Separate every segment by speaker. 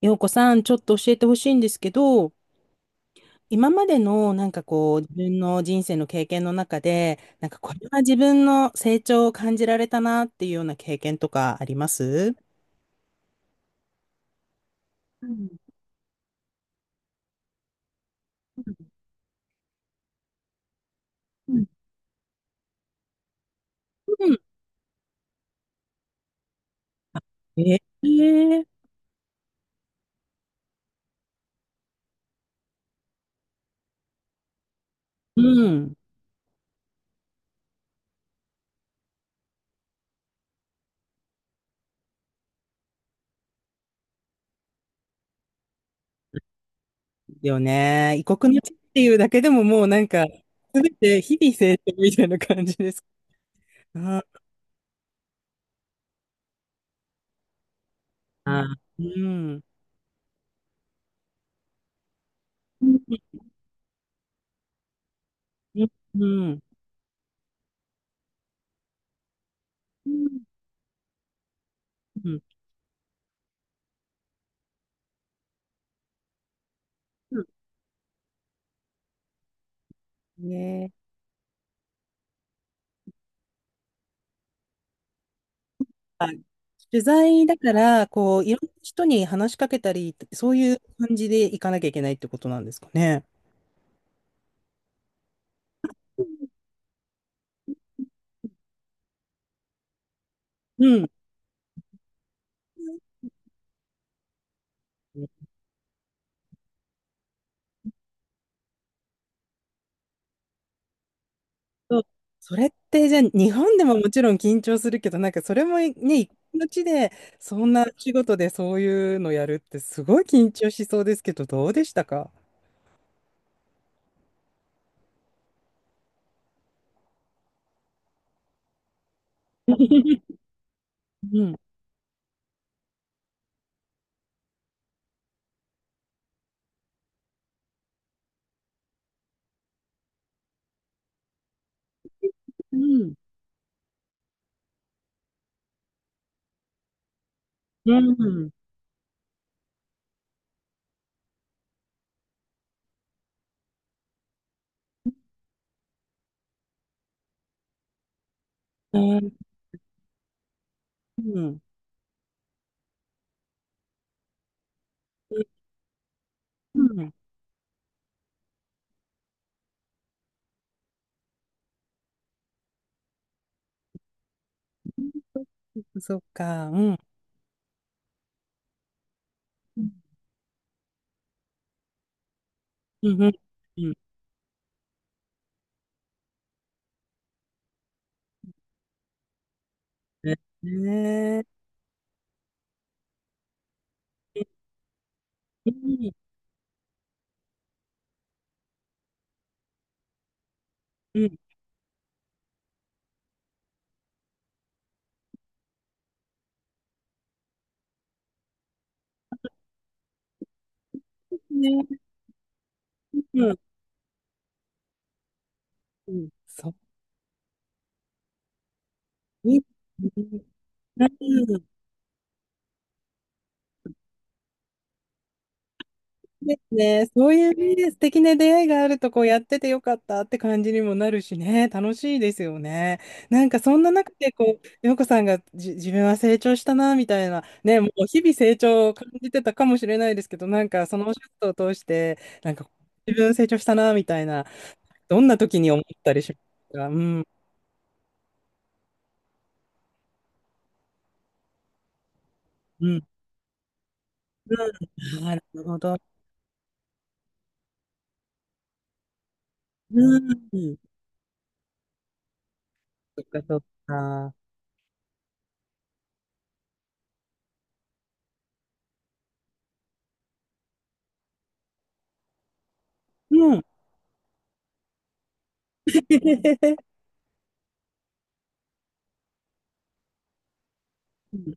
Speaker 1: ようこさん、ちょっと教えてほしいんですけど、今までのこう、自分の人生の経験の中で、なんかこれは自分の成長を感じられたなっていうような経験とかありますうんうんうん。ええうん。よね。異国の地っていうだけでももうなんか、すべて日々成長みたいな感じです。うん。あーうん。うん。うん。うん。うん。うんねはい。取材だから、こう、いろんな人に話しかけたり、そういう感じで行かなきゃいけないってことなんですかね。うん。そうそれって、じゃあ、日本でももちろん緊張するけど、なんかそれもね、一国の地で、そんな仕事でそういうのやるって、すごい緊張しそうですけど、どうでしたか？うん。うん。うん。うん。うん。うんそっか。うん。うん。うん。うんねえ。うん。ね、うん、うん、そう、いいね。うん、ですね、そういうね、素敵な出会いがあると、こうやっててよかったって感じにもなるしね、楽しいですよね。なんかそんな中で、こう、洋子さんがじ自分は成長したな、みたいな、ね、もう日々成長を感じてたかもしれないですけど、なんかそのお仕事を通して、なんか自分成長したな、みたいな、どんな時に思ったりしますか？うん、うん、うなるほど。うん、そっかそっか。うん うん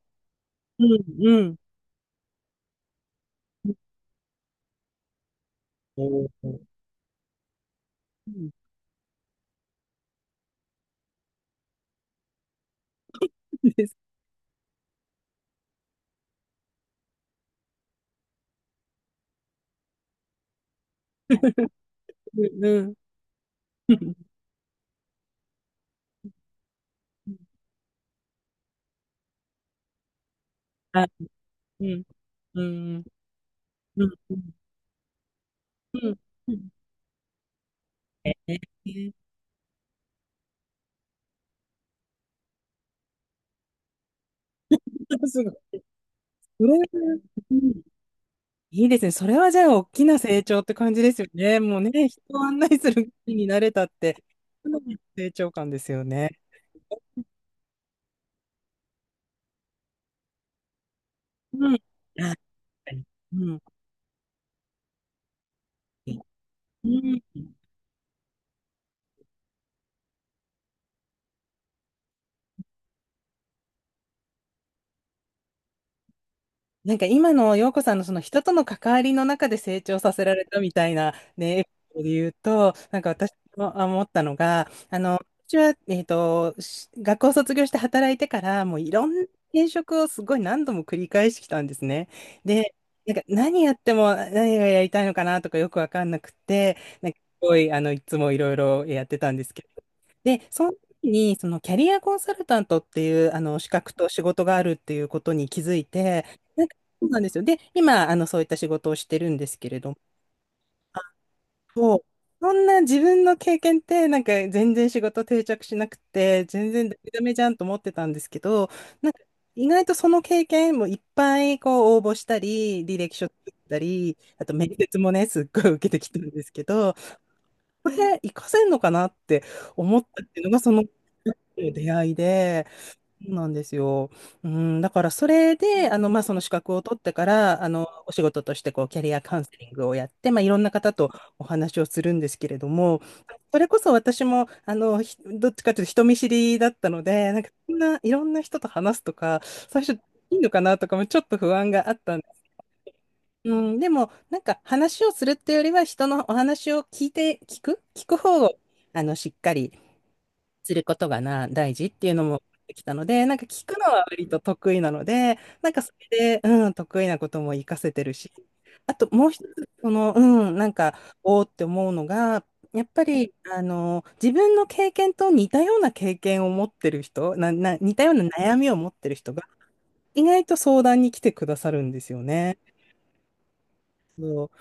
Speaker 1: うんうん。おーうん。です。うん。うん。あ、うん。うん。うん。うん。うん。うん。ええ。すごい。それはうん。いいですね。それはじゃあ、大きな成長って感じですよね。もうね、人を案内する気になれたって、かなりの成長感ですよね。うん。あ、うん。うん。なんか今の陽子さんのその人との関わりの中で成長させられたみたいなね、エピソードで言うと、なんか私もあ思ったのが、私は、し学校卒業して働いてから、もういろんな転職をすごい何度も繰り返してきたんですね。で、なんか何やっても何がやりたいのかなとかよくわかんなくて、なんかすごい、いつもいろいろやってたんですけど、で、その時に、そのキャリアコンサルタントっていう、資格と仕事があるっていうことに気づいて、そうなんですよ。で、今、そういった仕事をしてるんですけれども、あそう、そんな自分の経験って、なんか全然仕事定着しなくて、全然ダメダメじゃんと思ってたんですけど、なんか意外とその経験もいっぱいこう応募したり、履歴書作ったり、あと面接もね、すっごい受けてきたんですけど、これ活かせるのかなって思ったっていうのが、その出会いで、そうなんですよ。うん、だからそれで、まあ、その資格を取ってから、お仕事として、こう、キャリアカウンセリングをやって、まあ、いろんな方とお話をするんですけれども、それこそ私も、ひどっちかというと人見知りだったので、なんか、そんな、いろんな人と話すとか、最初、いいのかなとかもちょっと不安があったんです。うん、でも、なんか、話をするっていうよりは、人のお話を聞いて、聞く、聞く方を、しっかり、知ることがな、大事っていうのもできたので、なんか聞くのは割と得意なので、なんかそれで、うん、得意なことも活かせてるし、あともう一つ、その、なんか、おーって思うのが、やっぱり、自分の経験と似たような経験を持ってる人、な、な、似たような悩みを持ってる人が、意外と相談に来てくださるんですよね。そう、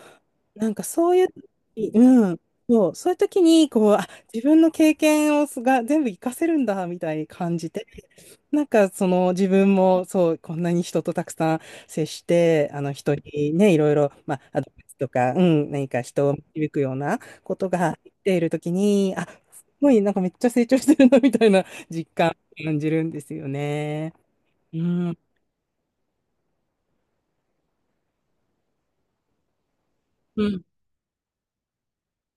Speaker 1: なんかそういう時、うん、そう、そういう時に、こう、あ、自分の経験をすが全部活かせるんだ、みたいに感じて、なんかその自分も、そう、こんなに人とたくさん接して、あの人にね、いろいろ、まあ、アドバイスとか、うん、何か人を導くようなことができている時に、あ、すごい、なんかめっちゃ成長してるな、みたいな実感を感じるんですよね。うん、うん、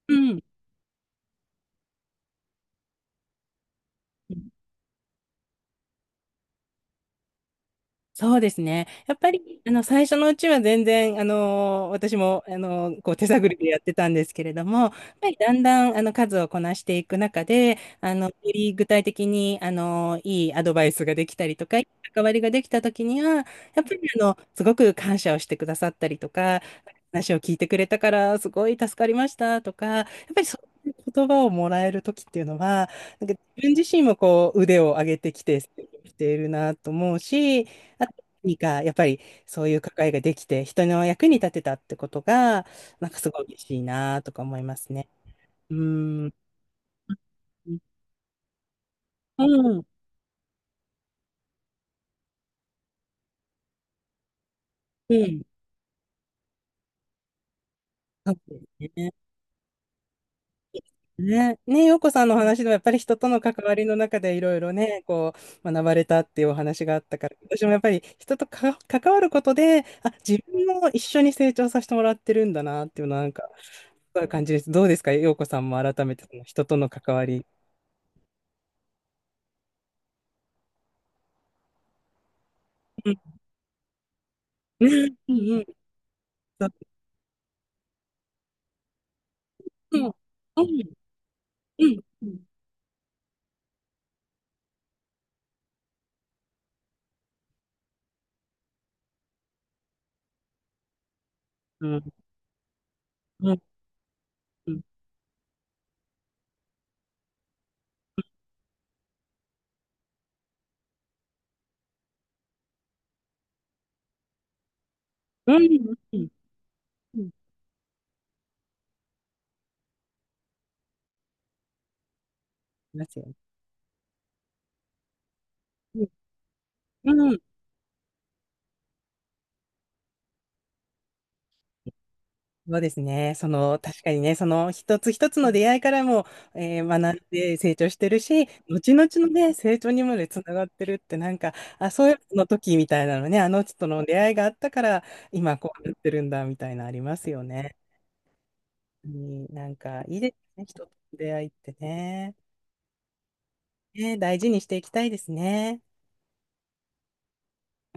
Speaker 1: うん。そうですね。やっぱり、最初のうちは全然、あの私も、あのこう、手探りでやってたんですけれども、やっぱりだんだん、数をこなしていく中で、より具体的に、あのいいアドバイスができたりとか、いい関わりができた時には、やっぱり、すごく感謝をしてくださったりとか、話を聞いてくれたから、すごい助かりましたとか、やっぱりそういう言葉をもらえる時っていうのは、なんか自分自身もこう、腕を上げてきて、しているなと思うし、あと何か、やっぱりそういう関わりができて、人の役に立てたってことが、なんかすごい嬉しいなとか思いますね。うーん。うん。うん。そうですね。ね、ね、洋子さんのお話でもやっぱり人との関わりの中でいろいろね、こう、学ばれたっていうお話があったから、私もやっぱり人とか関わることで、あ、自分も一緒に成長させてもらってるんだなっていうのはなんか、そういう感じです。どうですか、洋子さんも改めてその人との関わり。うん。うんうん。うん、うん、うん、うん、うん、うん、うん、うん、うん、いますよね。うん、うん、そうですね。その、確かにね、その一つ一つの出会いからも、えー学んで成長してるし、後々のね、成長にまでつながってるって、なんか、あ、そういうの時みたいなのね、あの人との出会いがあったから、今こうなってるんだ、みたいなありますよね。うん、なんか、いいですね、人との出会いってね。ね、大事にしていきたいですね。